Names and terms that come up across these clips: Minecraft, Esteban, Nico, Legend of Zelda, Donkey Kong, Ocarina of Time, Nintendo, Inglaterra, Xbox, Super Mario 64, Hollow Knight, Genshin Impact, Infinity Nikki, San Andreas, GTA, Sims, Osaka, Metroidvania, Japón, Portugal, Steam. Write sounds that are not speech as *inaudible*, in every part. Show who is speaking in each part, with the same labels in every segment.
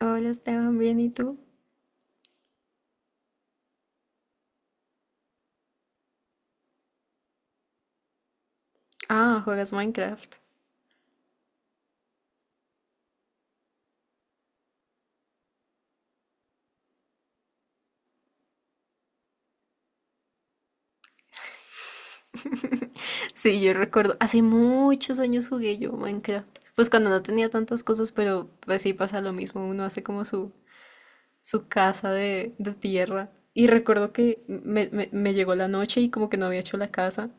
Speaker 1: Hola Esteban, bien, ¿y tú? Ah, juegas Minecraft. *laughs* Sí, yo recuerdo, hace muchos años jugué yo Minecraft. Pues cuando no tenía tantas cosas, pero pues sí pasa lo mismo, uno hace como su casa de tierra. Y recuerdo que me llegó la noche y como que no había hecho la casa,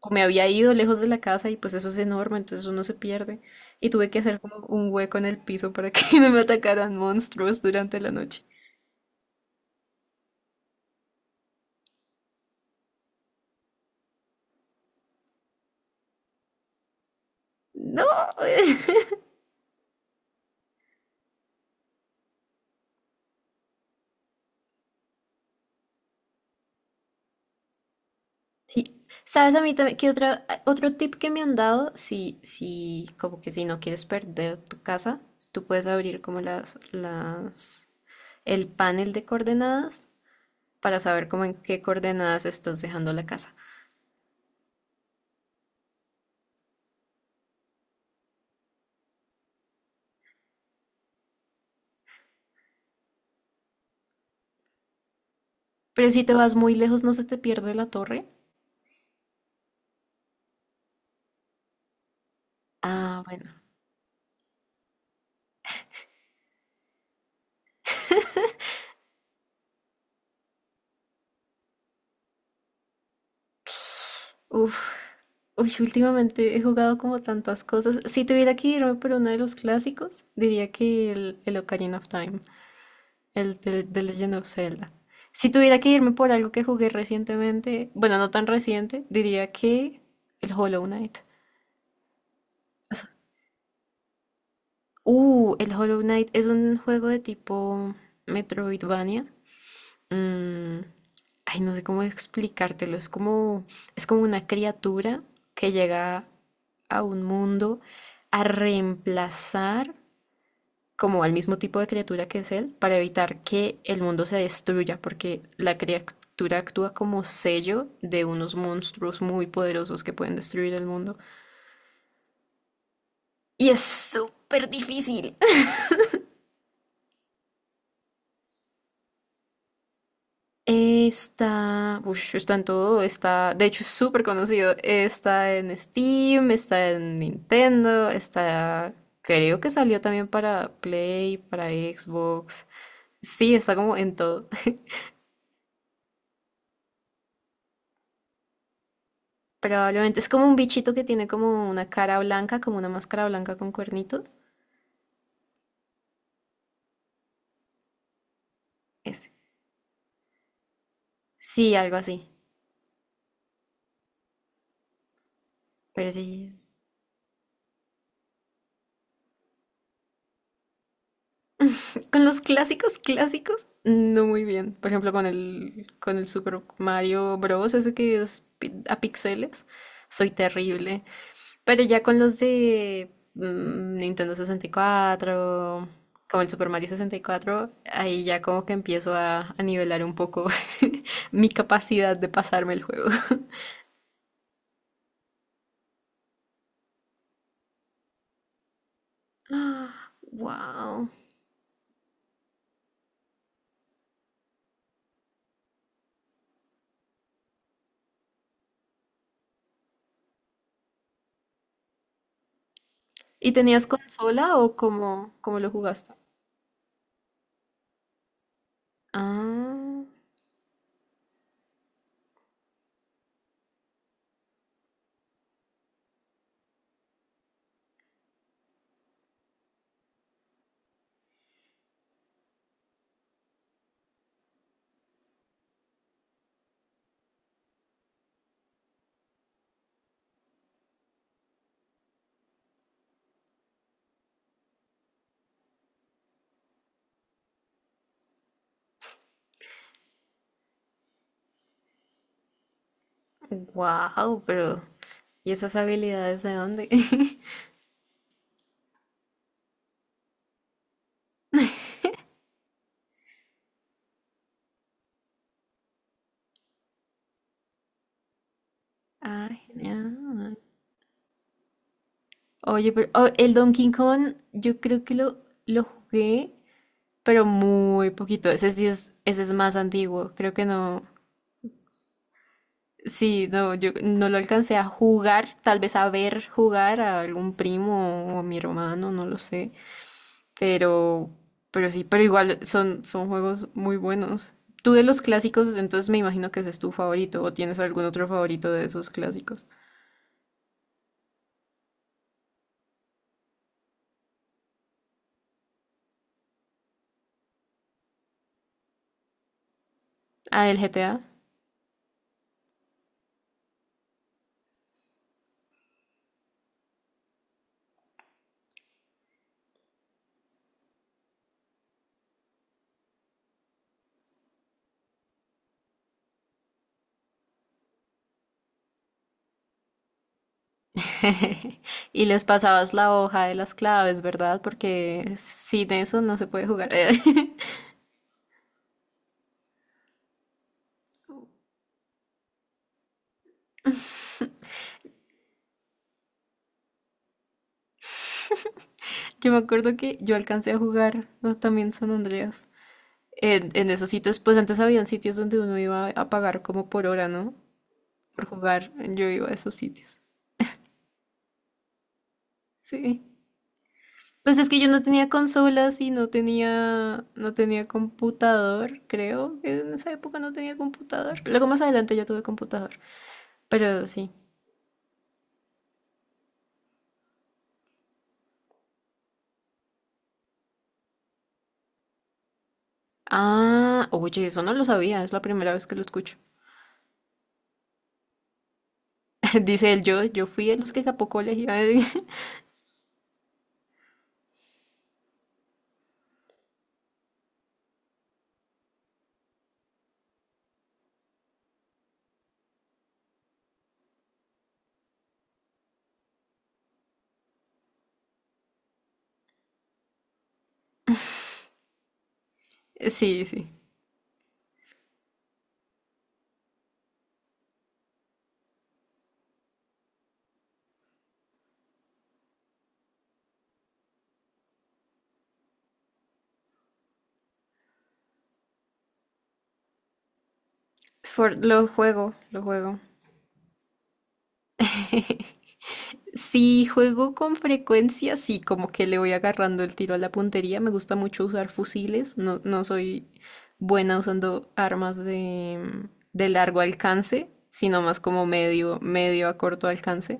Speaker 1: o me había ido lejos de la casa y pues eso es enorme, entonces uno se pierde. Y tuve que hacer como un hueco en el piso para que *laughs* no me atacaran monstruos durante la noche. No, *laughs* sí. ¿Sabes a mí también que otro tip que me han dado? Si, si, como que si no quieres perder tu casa, tú puedes abrir como el panel de coordenadas para saber como en qué coordenadas estás dejando la casa. Pero si te vas muy lejos, ¿no se te pierde la torre? Ah, bueno. Uf. Uy, últimamente he jugado como tantas cosas. Si tuviera que irme por uno de los clásicos, diría que el Ocarina of Time. El de Legend of Zelda. Si tuviera que irme por algo que jugué recientemente, bueno, no tan reciente, diría que el Hollow Knight. O sea, el Hollow Knight es un juego de tipo Metroidvania. Mm, ay, no sé cómo explicártelo. Es como una criatura que llega a un mundo a reemplazar como al mismo tipo de criatura que es él, para evitar que el mundo se destruya, porque la criatura actúa como sello de unos monstruos muy poderosos que pueden destruir el mundo. Y es súper difícil. *laughs* Está en todo, está, de hecho es súper conocido, está en Steam, está en Nintendo, está, creo que salió también para Play, para Xbox. Sí, está como en todo. Probablemente es como un bichito que tiene como una cara blanca, como una máscara blanca con cuernitos. Ese. Sí, algo así. Pero sí. Con los clásicos, clásicos, no muy bien. Por ejemplo, con el Super Mario Bros. Ese que es a píxeles. Soy terrible. Pero ya con los de Nintendo 64, como el Super Mario 64, ahí ya como que empiezo a nivelar un poco *laughs* mi capacidad de pasarme el juego. *laughs* Ah, wow. ¿Y tenías consola o cómo lo jugaste? Ah, wow, pero ¿y esas habilidades de dónde? *laughs* Ah, genial. Oye, pero oh, el Donkey Kong, yo creo que lo jugué, pero muy poquito. Ese sí es, ese es más antiguo. Creo que no. Sí, no, yo no lo alcancé a jugar, tal vez a ver jugar a algún primo o a mi hermano, no lo sé. Pero, pero sí, pero igual son juegos muy buenos. Tú de los clásicos, entonces me imagino que ese es tu favorito o tienes algún otro favorito de esos clásicos. Ah, el GTA. *laughs* Y les pasabas la hoja de las claves, ¿verdad? Porque sin eso no se puede jugar. *laughs* Yo me acuerdo que yo alcancé a jugar, ¿no?, también San Andreas. En esos sitios, pues antes habían sitios donde uno iba a pagar como por hora, ¿no? Por jugar. Yo iba a esos sitios. Sí. Pues es que yo no tenía consolas y no tenía, no tenía computador, creo. En esa época no tenía computador. Luego más adelante ya tuve computador. Pero sí. Ah, oye, eso no lo sabía, es la primera vez que lo escucho. *laughs* Dice él, yo fui de los que capó colegio. *laughs* Sí, sí. Lo juego, lo juego. *laughs* Si juego con frecuencia, sí, como que le voy agarrando el tiro a la puntería. Me gusta mucho usar fusiles. No, no soy buena usando armas de, de largo alcance, sino más como medio, medio a corto alcance.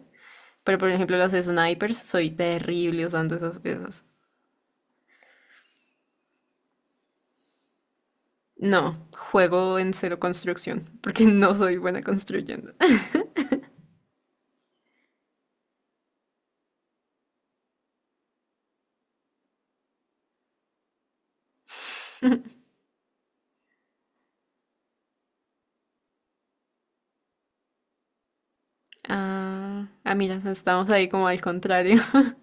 Speaker 1: Pero por ejemplo, los snipers, soy terrible usando esas. No, juego en cero construcción, *laughs* porque no soy buena construyendo. *laughs* Ah, ah, mira, estamos ahí como al contrario. *laughs*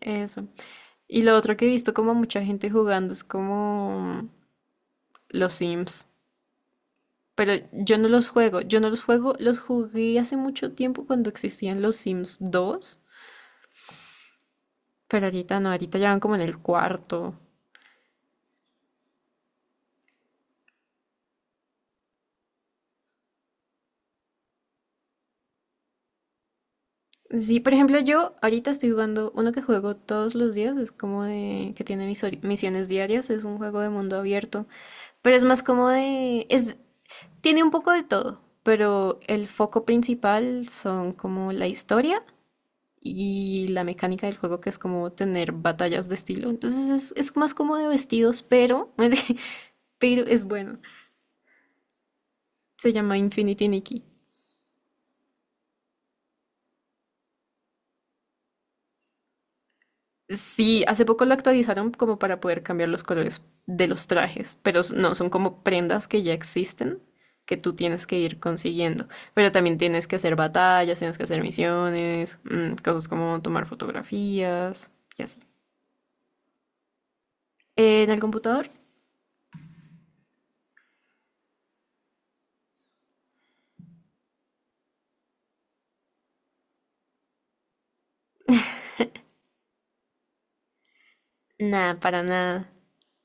Speaker 1: Eso. Y lo otro que he visto como mucha gente jugando es como los Sims. Pero yo no los juego, yo no los juego, los jugué hace mucho tiempo cuando existían los Sims 2, pero ahorita no, ahorita ya van como en el cuarto. Sí, por ejemplo, yo ahorita estoy jugando uno que juego todos los días, es como de que tiene mis misiones diarias, es un juego de mundo abierto, pero es más como de es tiene un poco de todo, pero el foco principal son como la historia y la mecánica del juego que es como tener batallas de estilo. Entonces es más como de vestidos, pero, *laughs* pero es bueno. Se llama Infinity Nikki. Sí, hace poco lo actualizaron como para poder cambiar los colores de los trajes, pero no, son como prendas que ya existen que tú tienes que ir consiguiendo. Pero también tienes que hacer batallas, tienes que hacer misiones, cosas como tomar fotografías y así. En el computador. Nada, para nada.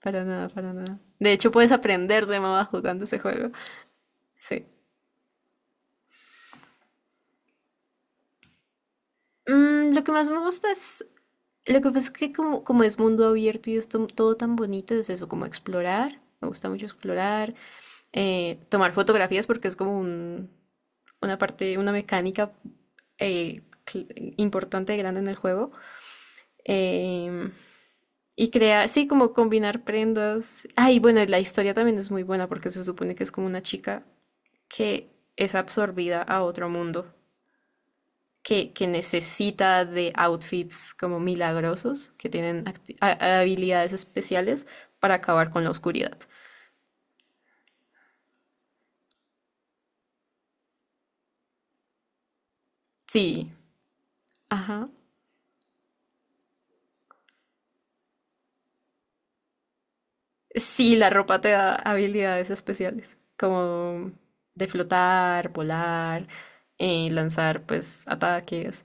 Speaker 1: Para nada, para nada. De hecho, puedes aprender de mamá jugando ese juego. Sí. Lo que más me gusta es. Lo que pasa es que como es mundo abierto y es todo tan bonito, es eso, como explorar. Me gusta mucho explorar. Eh, tomar fotografías porque es como una parte, una mecánica importante y grande en el juego. Em, y crear, sí, como combinar prendas. Ay, bueno, y la historia también es muy buena porque se supone que es como una chica que es absorbida a otro mundo, que necesita de outfits como milagrosos, que tienen habilidades especiales para acabar con la oscuridad. Sí, ajá. Sí, la ropa te da habilidades especiales, como de flotar, volar, lanzar pues ataques.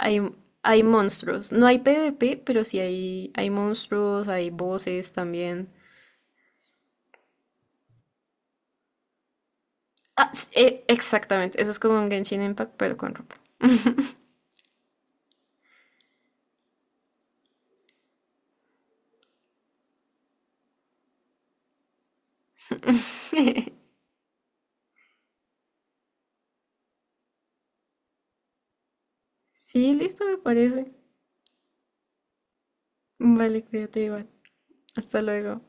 Speaker 1: Hay, hay monstruos. No hay PvP, pero sí hay monstruos, hay voces también. Ah, exactamente, eso es como un Genshin Impact, pero con ropa. *laughs* Sí, listo, me parece. Vale, cuídate igual. Hasta luego.